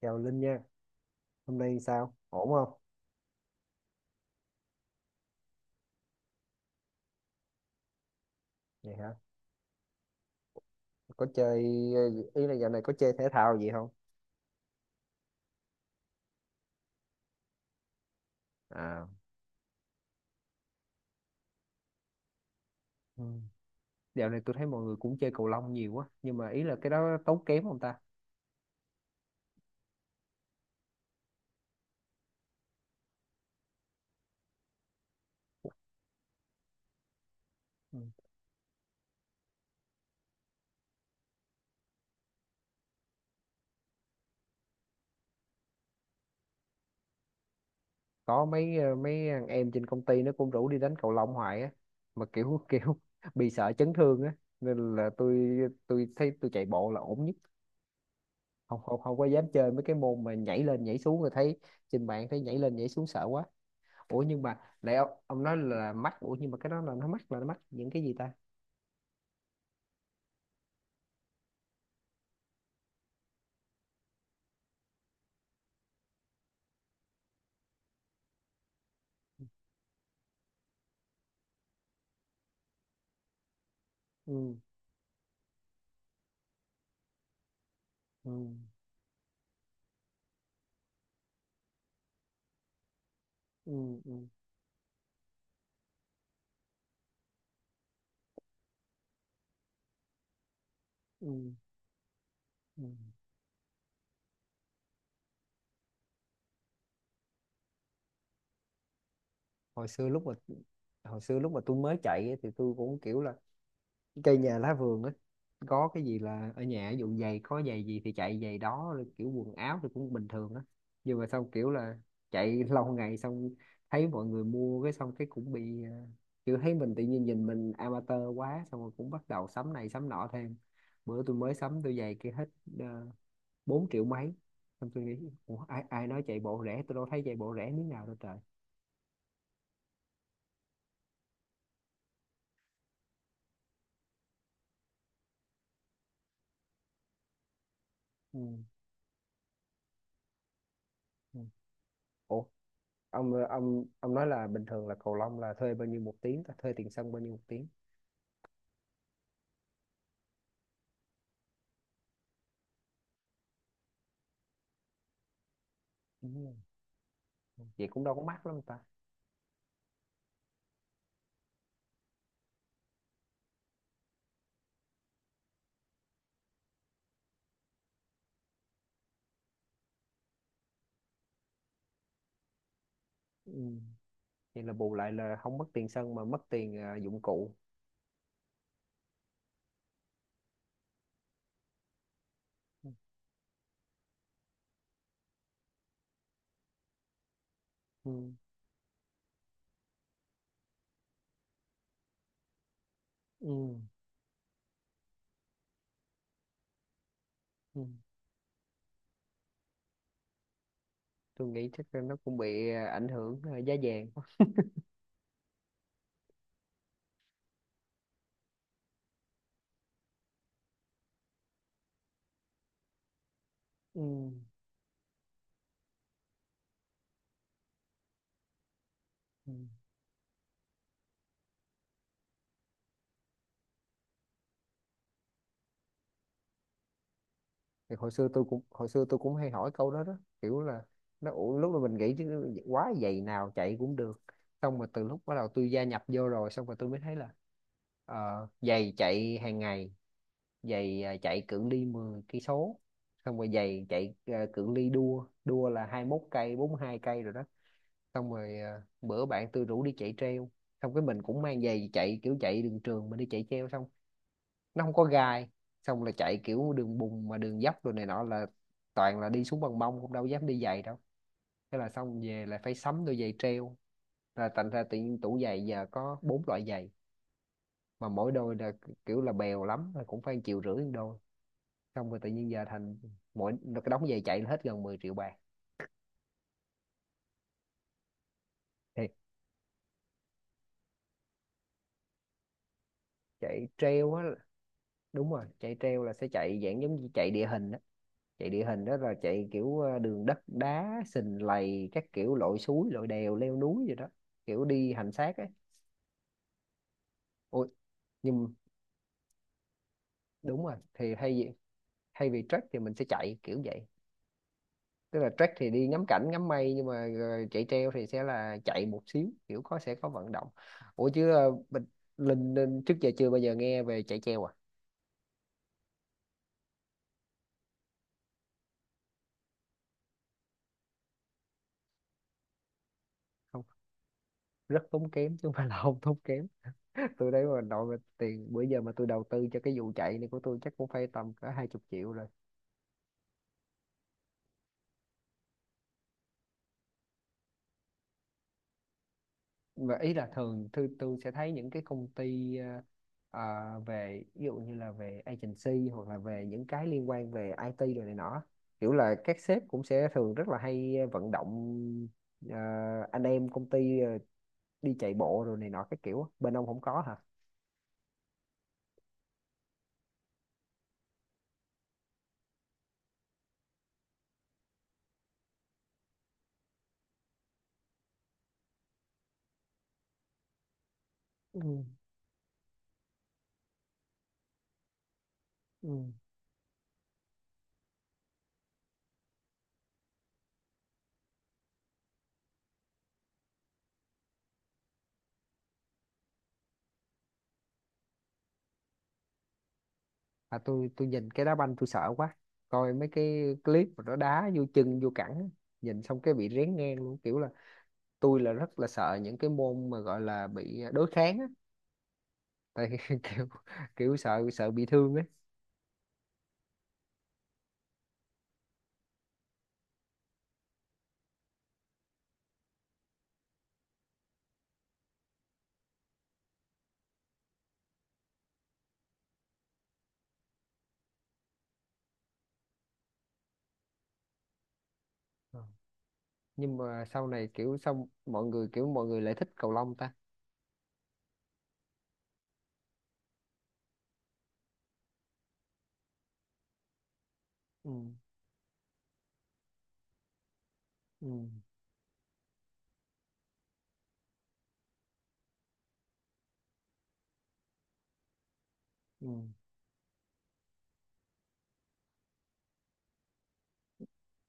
Chào Linh nha, hôm nay sao? Ổn không? Vậy hả? Có chơi, ờ, Ý là dạo này có chơi thể thao gì không? À, ừ. Dạo này tôi thấy mọi người cũng chơi cầu lông nhiều quá, nhưng mà ý là cái đó tốn kém không ta? Ừ. Có mấy thằng em trên công ty nó cũng rủ đi đánh cầu lông hoài á, mà kiểu kiểu bị sợ chấn thương á, nên là tôi thấy tôi chạy bộ là ổn nhất, không không không có dám chơi mấy cái môn mà nhảy lên nhảy xuống rồi thấy trên mạng thấy nhảy lên nhảy xuống sợ quá. Ủa nhưng mà nãy ông nói là mắc. Ủa nhưng mà cái đó là nó mắc những cái gì ta? Ừ, ừ, ừ, ừ, ừ, ừ. hồi xưa lúc mà hồi xưa lúc mà tôi mới chạy ấy, thì tôi cũng kiểu là cây nhà lá vườn á, có cái gì là ở nhà ví dụ giày có giày gì thì chạy giày đó rồi kiểu quần áo thì cũng bình thường á, nhưng mà xong kiểu là chạy lâu ngày xong thấy mọi người mua cái xong cái cũng bị kiểu thấy mình tự nhiên nhìn mình amateur quá xong rồi cũng bắt đầu sắm này sắm nọ thêm. Bữa tôi mới sắm tôi giày kia hết uh, 4 triệu mấy, xong tôi nghĩ ủa, ai ai nói chạy bộ rẻ tôi đâu thấy chạy bộ rẻ miếng nào đâu trời. Ừ. Ừ. Ủa ông nói là bình thường là cầu lông là thuê bao nhiêu một tiếng ta, thuê tiền sân bao nhiêu một tiếng? Đúng vậy cũng đâu có mắc lắm ta. Ừ. Vậy là bù lại là không mất tiền sân mà mất tiền dụng cụ. Ừ. Ừ. Ừ. Ừ. Tôi nghĩ chắc là nó cũng bị ảnh hưởng giá vàng quá. Ừ. Ừ. Thì hồi xưa tôi cũng hay hỏi câu đó đó kiểu là nó ủa, lúc mà mình nghĩ chứ quá giày nào chạy cũng được, xong mà từ lúc bắt đầu tôi gia nhập vô rồi xong rồi tôi mới thấy là giày chạy hàng ngày, giày chạy cự ly 10 cây số, xong rồi giày chạy cự ly đua đua là 21 cây 42 cây rồi đó, xong rồi bữa bạn tôi rủ đi chạy treo, xong cái mình cũng mang giày chạy kiểu chạy đường trường mà đi chạy treo, xong nó không có gai, xong là chạy kiểu đường bùn mà đường dốc rồi này nọ là toàn là đi xuống bằng mông cũng đâu dám đi giày đâu, thế là xong về là phải sắm đôi giày treo, là thành ra tự nhiên tủ giày giờ có bốn loại giày mà mỗi đôi là kiểu là bèo lắm là cũng phải chịu rưỡi một đôi, xong rồi tự nhiên giờ thành mỗi cái đống giày chạy là hết gần 10 triệu bạc. Thì chạy treo á, đúng rồi, chạy treo là sẽ chạy dạng giống như chạy địa hình á, chạy địa hình đó là chạy kiểu đường đất đá sình lầy các kiểu lội suối lội đèo leo núi gì đó, kiểu đi hành xác ấy. Ôi nhưng Đúng rồi thì thay vì trek thì mình sẽ chạy kiểu vậy, tức là trek thì đi ngắm cảnh ngắm mây nhưng mà chạy treo thì sẽ là chạy một xíu kiểu có sẽ có vận động. Ủa chứ Linh trước giờ chưa bao giờ nghe về chạy treo à? Không, rất tốn kém chứ không phải là không tốn kém. Tôi đấy mà nội mà tiền bữa giờ mà tôi đầu tư cho cái vụ chạy này của tôi chắc cũng phải tầm cả 20 triệu rồi. Mà ý là thường tôi sẽ thấy những cái công ty về ví dụ như là về agency hoặc là về những cái liên quan về IT rồi này nọ, kiểu là các sếp cũng sẽ thường rất là hay vận động, ờ, anh em công ty đi chạy bộ rồi này nọ cái kiểu á. Bên ông không có hả? Ừ. Ừ. tôi nhìn cái đá banh tôi sợ quá, coi mấy cái clip mà nó đá vô chân vô cẳng á, nhìn xong cái bị rén ngang luôn, kiểu là tôi là rất là sợ những cái môn mà gọi là bị đối kháng á, tại kiểu kiểu sợ sợ bị thương á. Ờ. Nhưng mà sau này kiểu xong mọi người kiểu mọi người lại thích cầu lông ta. Ừ, ừ,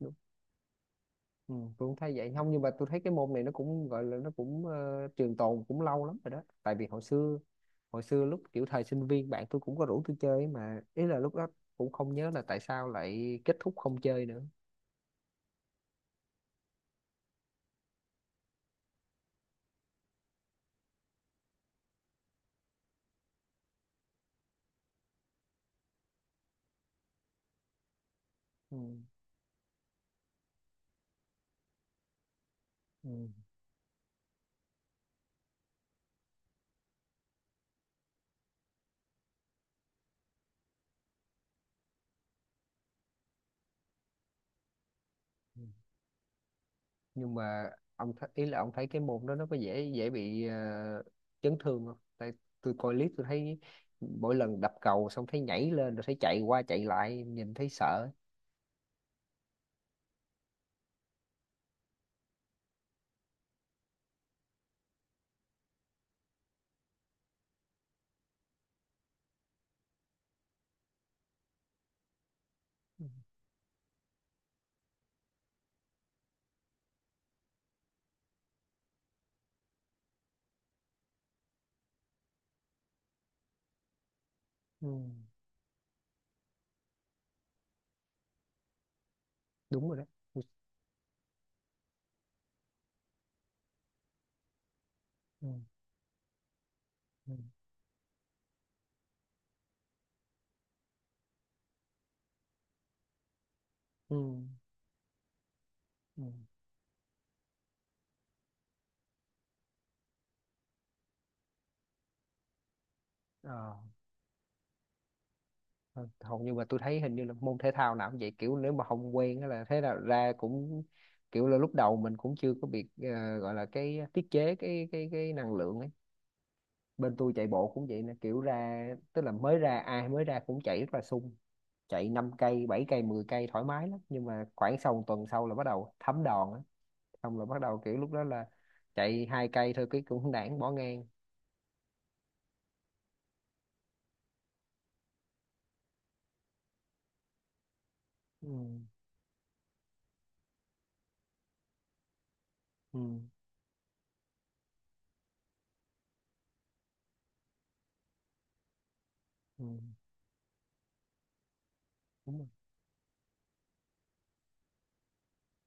ừ. Ừ, tôi cũng thấy vậy không, nhưng mà tôi thấy cái môn này nó cũng gọi là nó cũng trường tồn cũng lâu lắm rồi đó, tại vì hồi xưa lúc kiểu thời sinh viên bạn tôi cũng có rủ tôi chơi ấy, mà ý là lúc đó cũng không nhớ là tại sao lại kết thúc không chơi nữa. Ừ. Ừ. Ừ. Nhưng mà ý là ông thấy cái môn đó nó có dễ dễ bị chấn thương không, tại tôi coi clip tôi thấy mỗi lần đập cầu xong thấy nhảy lên rồi thấy chạy qua chạy lại nhìn thấy sợ. Ừ. Ừ, đúng rồi đó. Ừ. Ừ. Ừ. Ừ. Ừ. Ờ, thôi, hầu như mà tôi thấy hình như là môn thể thao nào cũng vậy kiểu nếu mà không quen á là thế nào ra cũng kiểu là lúc đầu mình cũng chưa có bị gọi là cái tiết chế cái năng lượng ấy. Bên tôi chạy bộ cũng vậy nè kiểu ra, tức là mới ra ai mới ra cũng chạy rất là sung, chạy 5 cây 7 cây 10 cây thoải mái lắm, nhưng mà khoảng sau một tuần sau là bắt đầu thấm đòn á, xong là bắt đầu kiểu lúc đó là chạy 2 cây thôi cái cũng nản bỏ ngang. Ừ, ừ, ừ, đúng rồi.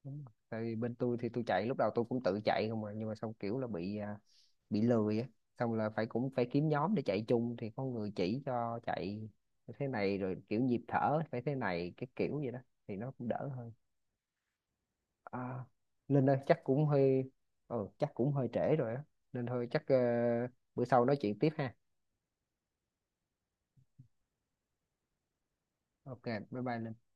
Đúng rồi. Tại vì bên tôi thì tôi chạy lúc đầu tôi cũng tự chạy không mà nhưng mà xong kiểu là bị bị lười á, xong là phải cũng phải kiếm nhóm để chạy chung thì có người chỉ cho chạy thế này rồi kiểu nhịp thở phải thế này cái kiểu vậy đó thì nó cũng đỡ hơn. à, Linh ơi chắc cũng hơi, ừ, chắc cũng hơi trễ rồi á, nên thôi chắc bữa sau nói chuyện tiếp ha. Ok, bye bye Linh